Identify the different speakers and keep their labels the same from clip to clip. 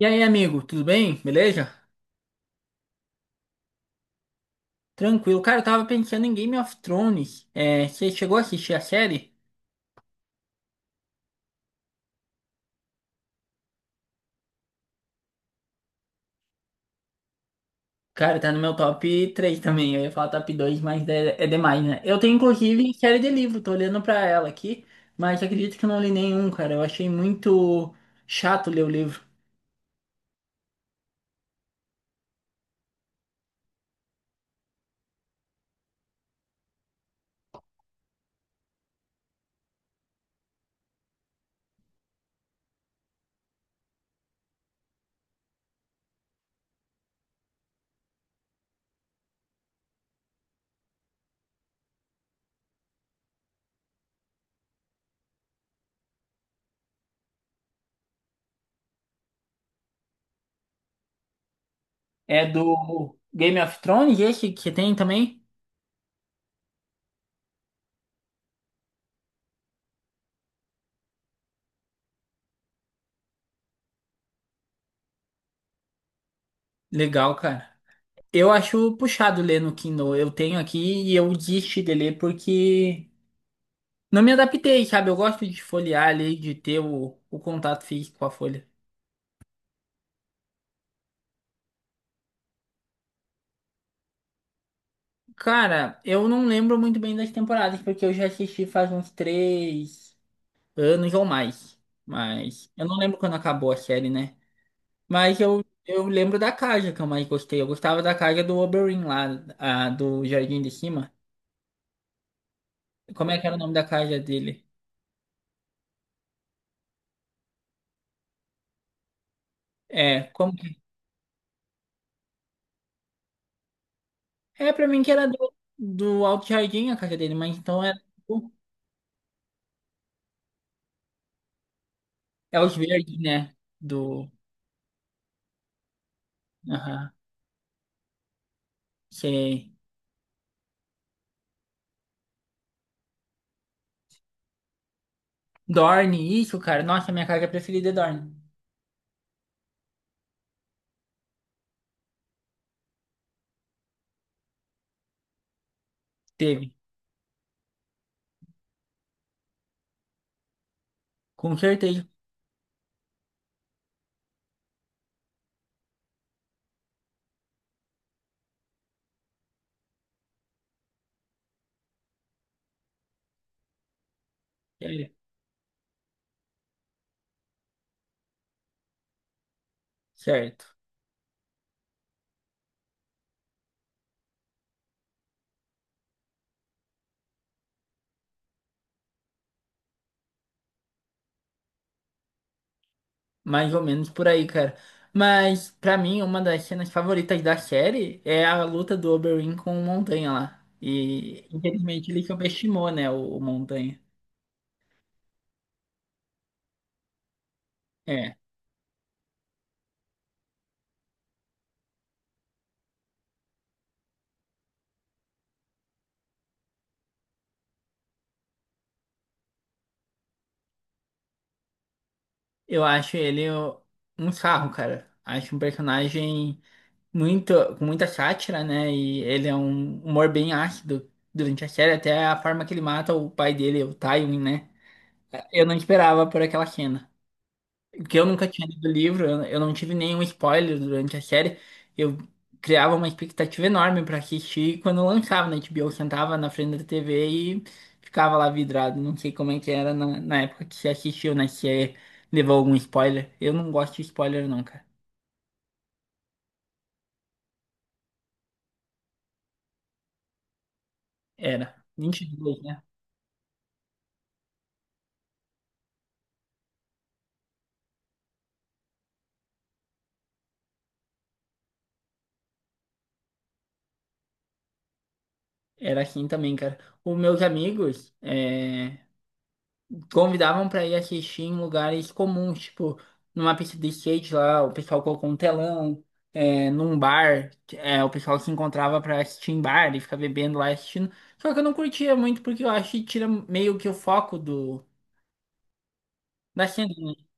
Speaker 1: E aí, amigo, tudo bem? Beleza? Tranquilo. Cara, eu tava pensando em Game of Thrones. Você chegou a assistir a série? Cara, tá no meu top 3 também. Eu ia falar top 2, mas é demais, né? Eu tenho, inclusive, série de livro. Tô olhando pra ela aqui. Mas acredito que eu não li nenhum, cara. Eu achei muito chato ler o livro. É do Game of Thrones, esse que tem também? Legal, cara. Eu acho puxado ler no Kindle. Eu tenho aqui e eu desisti de ler porque não me adaptei, sabe? Eu gosto de folhear ali, de ter o contato físico com a folha. Cara, eu não lembro muito bem das temporadas, porque eu já assisti faz uns três anos ou mais. Mas eu não lembro quando acabou a série, né? Mas eu lembro da casa que eu mais gostei. Eu gostava da casa do Oberyn lá, a, do Jardim de Cima. Como é que era o nome da casa dele? É, como que... É, pra mim que era do Alto Jardim a casa dele, mas então era... tipo, é os verdes, né? Do... Aham. Sei. Dorne, isso, cara. Nossa, minha carga preferida é Dorne. Teve. Com certeza. Sério. Certo. Mais ou menos por aí, cara. Mas, pra mim, uma das cenas favoritas da série é a luta do Oberyn com o Montanha lá. E, infelizmente, ele subestimou, né, o Montanha. É. Eu acho ele o- Um sarro, cara. Acho um personagem muito, com muita sátira, né? E ele é um humor bem ácido durante a série, até a forma que ele mata o pai dele, o Tywin, né? Eu não esperava por aquela cena. Porque eu nunca tinha lido o livro, eu não tive nenhum spoiler durante a série. Eu criava uma expectativa enorme pra assistir e quando lançava na HBO, eu sentava na frente da TV e ficava lá vidrado. Não sei como é que era na época que você assistiu, né? Se é- Levou algum spoiler. Eu não gosto de spoiler, não, cara. Era. 22, né? Era assim também, cara. Os meus amigos, é, convidavam pra ir assistir em lugares comuns, tipo numa pista de skate lá, o pessoal colocou um telão, é, num bar, é, o pessoal se encontrava pra assistir em bar e ficar bebendo lá e assistindo. Só que eu não curtia muito porque eu acho que tira meio que o foco do da cena, né?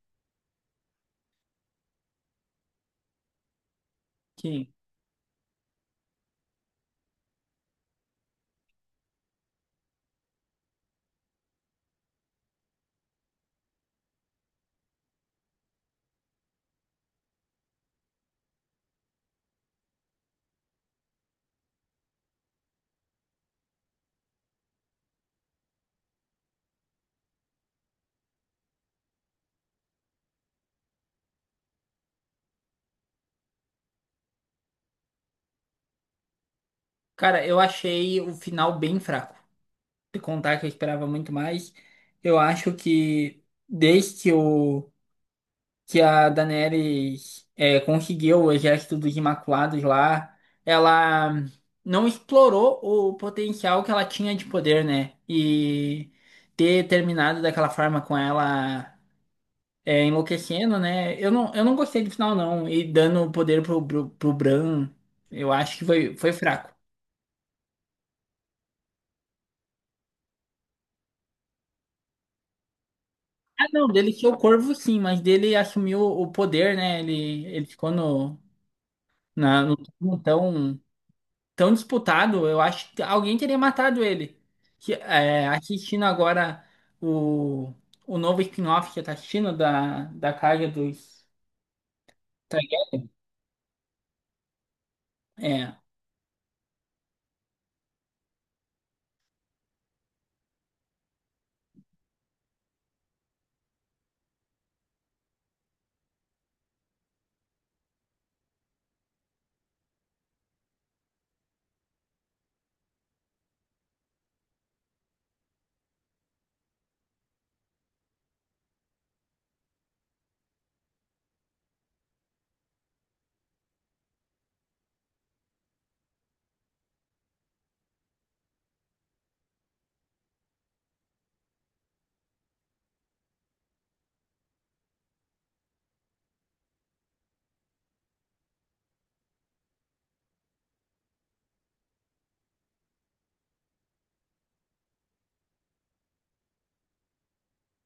Speaker 1: Que, cara, eu achei o final bem fraco. De contar que eu esperava muito mais, eu acho que desde que o que a Daenerys conseguiu o exército dos Imaculados lá, ela não explorou o potencial que ela tinha de poder, né? E ter terminado daquela forma com ela enlouquecendo, né? Eu não gostei do final, não. E dando o poder pro, pro Bran, eu acho que foi fraco. Ah, não, dele ser o corvo, sim, mas dele assumiu o poder, né? Ele ficou no, no trono, então tão disputado, eu acho que alguém teria matado ele. Que, é, assistindo agora o, o novo spin-off que tá assistindo da Casa dos Targaryen.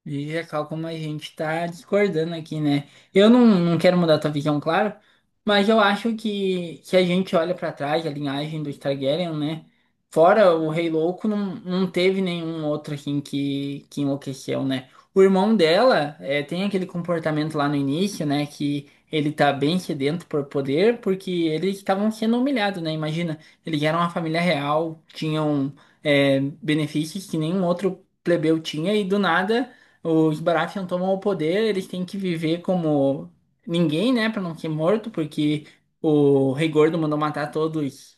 Speaker 1: Veja cá como a gente tá discordando aqui, né? Eu não, não quero mudar tua visão, claro, mas eu acho que se a gente olha pra trás, a linhagem do Targaryen, né? Fora o Rei Louco, não teve nenhum outro assim que enlouqueceu, né? O irmão dela é, tem aquele comportamento lá no início, né? Que ele tá bem sedento por poder, porque eles estavam sendo humilhados, né? Imagina, eles eram uma família real, tinham é, benefícios que nenhum outro plebeu tinha, e do nada. Os Baratheon tomam o poder, eles têm que viver como ninguém, né, pra não ser morto, porque o Rei Gordo mandou matar todos,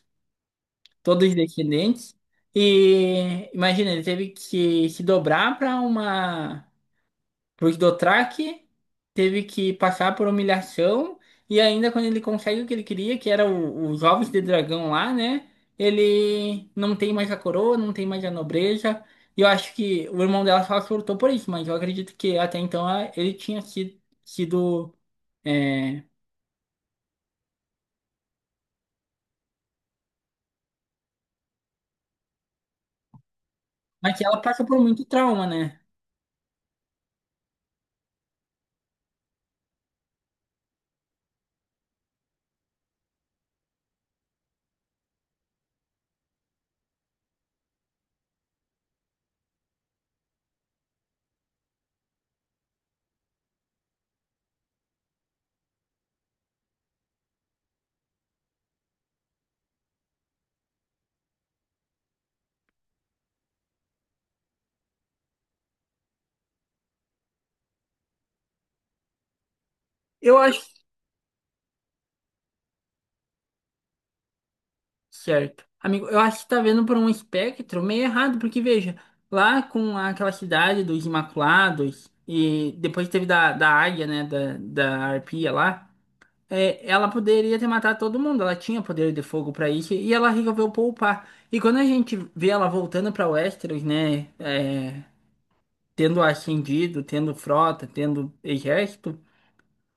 Speaker 1: todos os descendentes. E imagina, ele teve que se dobrar pra uma porque Dothraki teve que passar por humilhação e ainda quando ele consegue o que ele queria, que era os ovos de dragão lá, né? Ele não tem mais a coroa, não tem mais a nobreza. E eu acho que o irmão dela só surtou por isso, mas eu acredito que até então ele tinha sido é... Mas ela passa por muito trauma, né? Certo. Amigo, eu acho que tá vendo por um espectro meio errado, porque veja, lá com aquela cidade dos Imaculados, e depois teve da águia, né, da arpia lá, é, ela poderia ter matado todo mundo, ela tinha poder de fogo pra isso, e ela resolveu poupar. E quando a gente vê ela voltando pra Westeros, né, é, tendo ascendido, tendo frota, tendo exército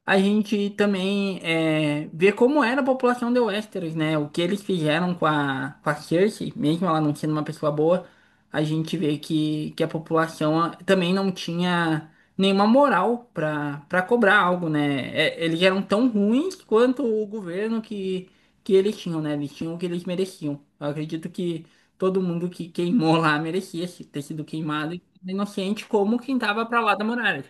Speaker 1: a gente também é, vê como era a população de Westeros, né? O que eles fizeram com a Cersei, mesmo ela não sendo uma pessoa boa, a gente vê que a população ah, também não tinha nenhuma moral para para cobrar algo, né? É, eles eram tão ruins quanto o governo que eles tinham, né? Eles tinham o que eles mereciam. Eu acredito que todo mundo que queimou lá merecia ter sido queimado e inocente como quem tava pra lá da muralha.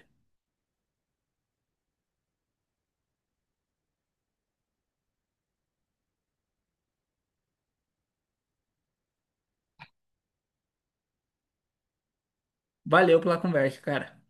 Speaker 1: Valeu pela conversa, cara.